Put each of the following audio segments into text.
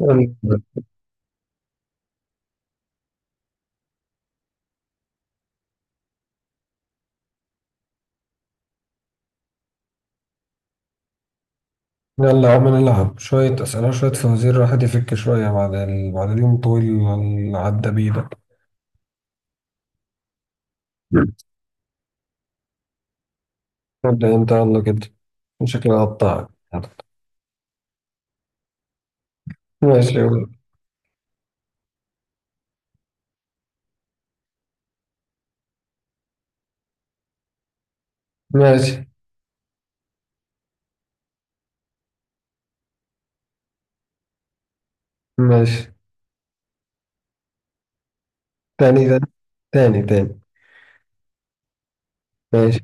يلا يلا يا عم، نلعب شوية أسئلة، شوية فوازير، الواحد يفك شوية بعد اليوم الطويل اللي عدى بيه ده. ابدأ أنت يلا كده، شكلي هقطعك. ماشي يلا. ماشي، ماشي. تاني تاني تاني تاني. ماشي،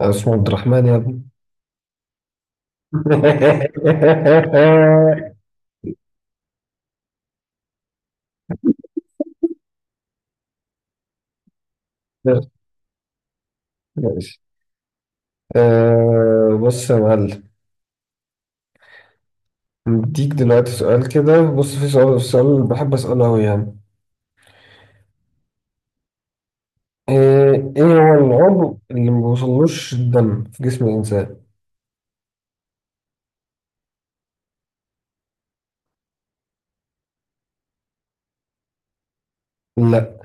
اسمه عبد الرحمن يا ابني. ماشي، بص يا معلم، مديك دلوقتي سؤال كده، بص، في السؤال اللي بحب أسأله أوي يعني. إيه إيه هو العضو اللي ما بيوصلوش الدم في جسم الإنسان؟ لا.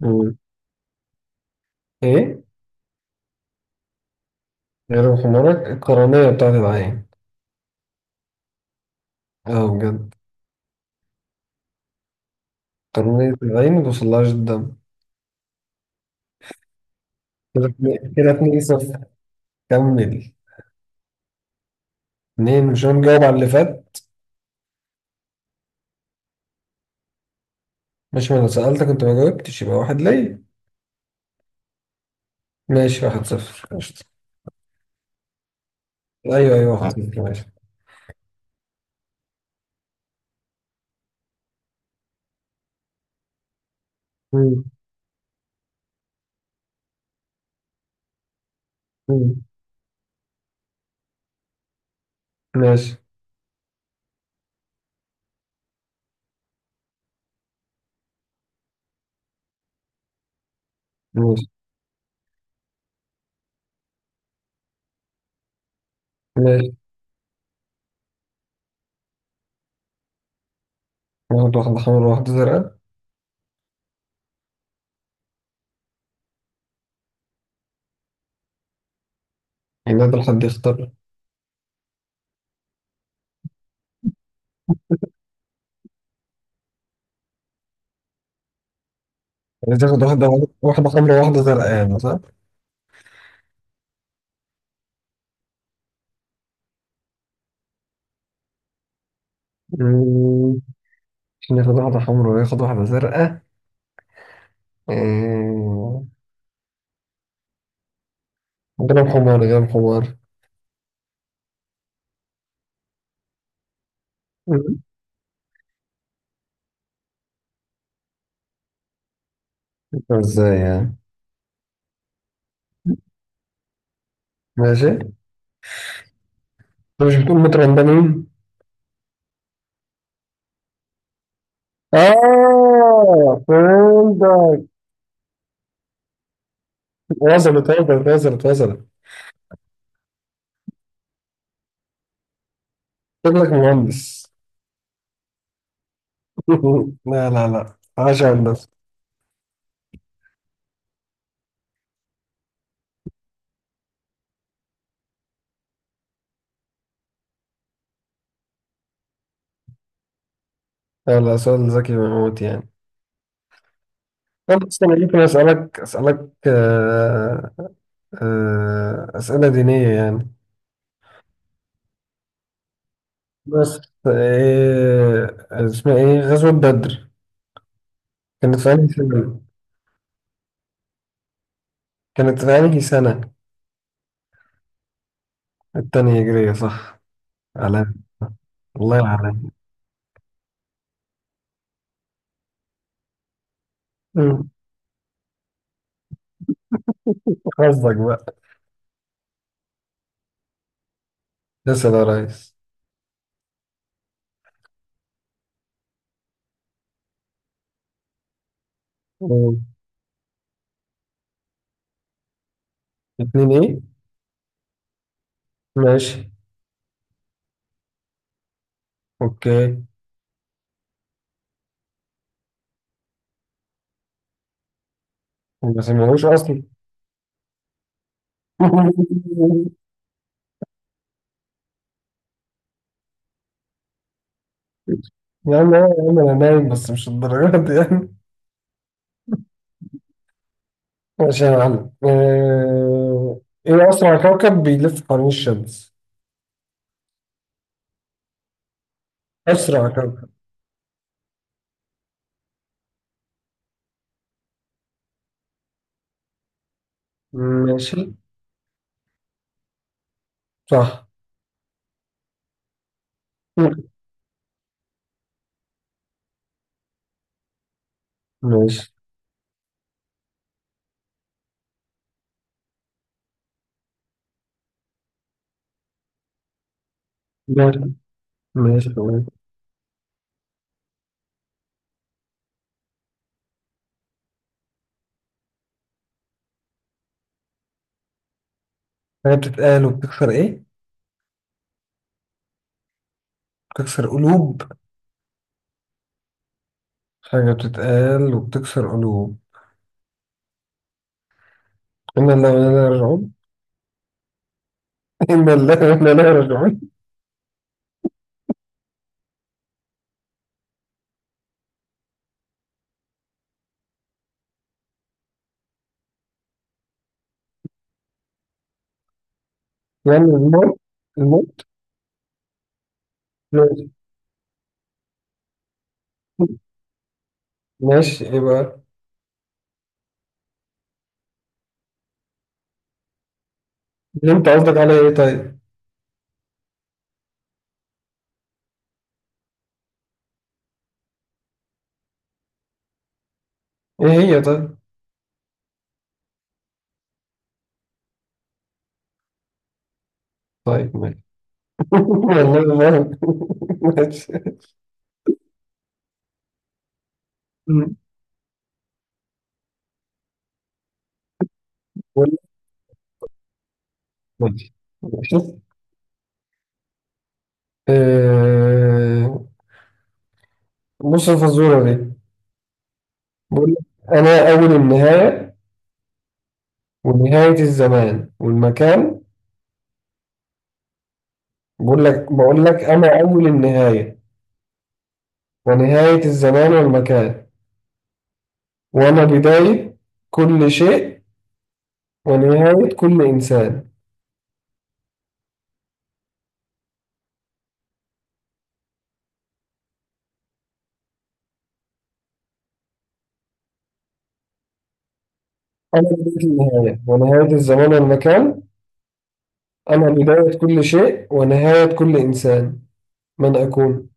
مم. إيه؟ غير حمارك، القرنية بتاعت العين. أه، بجد. قرنية العين ما بيوصلهاش الدم. كده 2-0. كمل. اتنين، مش أنا مجاوب على اللي فات. ماشي، ما أنا سألتك أنت ما جاوبتش، يبقى واحد ليا. ماشي، 1-0، قشطة. أيوه أيوه، واحد صفر، ماشي. مم. مم. ماشي، ماشي، ماشي. واحدة حمرا، واحدة زرقاء، يعني ده الحد يختار. عايز تاخد واحدة حمرا واحدة زرقاء يعني، صح؟ مم، ناخد واحدة حمرا وياخد واحدة زرقاء. آه، جرب حمار، جرب حمار. مم، ازاي يعني؟ ماشي، انت مش بتقول مترندمين؟ اه، فهمتك. وصلت، وصلت، وصلت، وصلت. شكلك مهندس. لا لا لا، عاش يا هندسة. لا لا، سؤال ذكي موت يعني. أنا أصلا ممكن أسألك أسئلة دينية يعني. بس إيه اسمها، إيه غزوة بدر كانت في أنهي سنة؟ كانت في أنهي سنة؟ التانية هجرية، صح. علام؟ الله يعلم. مم. حظك بقى. اسأل يا ريس. مم. اتنين ايه؟ ماشي. اوكي. ما سمعوش اصلا. يا عم، أيوة يا عم، انا نايم، بس مش الدرجات دي يعني. ماشي يا معلم، ايه اسرع كوكب بيلف حوالين الشمس؟ اسرع كوكب. ماشي. صح. مم. ماشي، ماشي، ماشي. هي بتتقال وبتكسر ايه؟ بتكسر قلوب. حاجة بتتقال وبتكسر قلوب. إنا لا ولا راجعون. إنا لا ولا لا راجعون. يعني الموت. الموت. ماشي، ماشي، إيه بقى؟ اللي أنت قصدك على إيه طيب؟ إيه هي طيب؟ طيب ماشي. والله ما أعرف. ماشي. مم. ولا- ماشي، ماشي، آه، بص الفزورة دي. بقول لك أنا أول النهاية ونهاية الزمان والمكان. بقول لك أنا أول النهاية ونهاية الزمان والمكان. وأنا بداية كل شيء ونهاية كل إنسان. أنا بداية النهاية ونهاية الزمان والمكان، أنا بداية كل شيء ونهاية كل إنسان، من أكون؟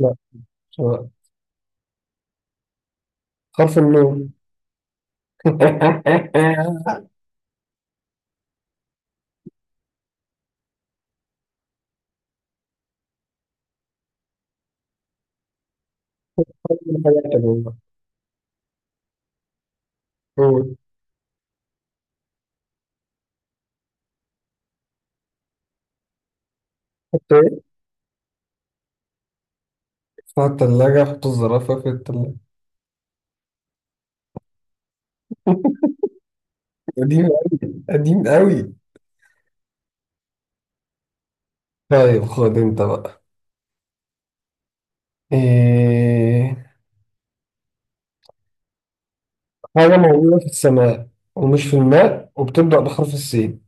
لا. مش هو. حرف النون. حط إيه؟ حط الزرافة في الثلاجة. قديم أوي، قديم أوي. طيب خد أنت بقى. إيه، حاجة موجودة في السماء ومش في الماء وبتبدأ بحرف السين.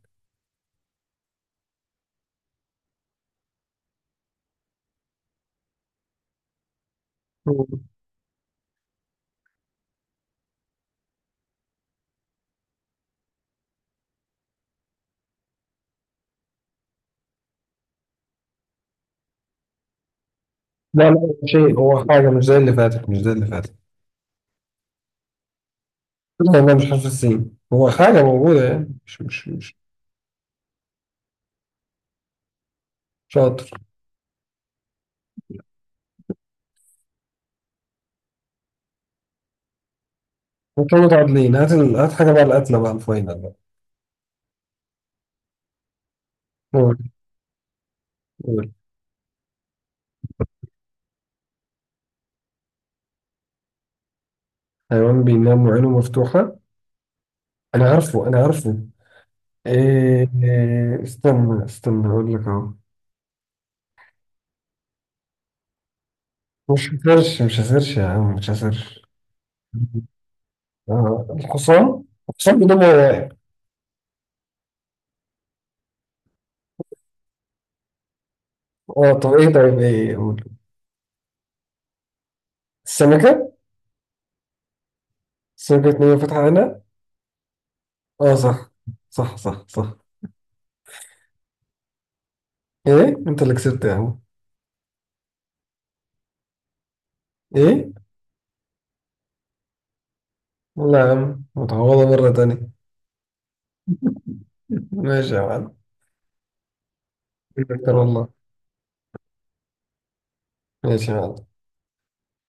مم. لا لا، هو حاجة، مش زي اللي فاتت، مش زي اللي فاتت. لا لا، مش حرف السين، هو حاجة موجودة يعني، مش. شاطر. انتوا متعادلين، هات هات حاجة بقى، القتلة بقى، الفاينل بقى. قول، قول. حيوان بينام وعينه مفتوحة. أنا عارفه، أنا عارفه. إيه استنى استنى أقول لك أهو. مش هسيرش، مش هسيرش يا عم، مش هسيرش. آه، الحصان. الحصان بينام وهو واقف. اه، طب ايه طيب ايه، قول. السمكة. السمكة نية فاتحة عينها. اه، صح. صح، صح، صح. ايه انت اللي كسبت يا عم. ايه. والله يا عم، متعوضة مرة تانية. ماشي يا معلم. شكراً والله. ماشي يا معلم.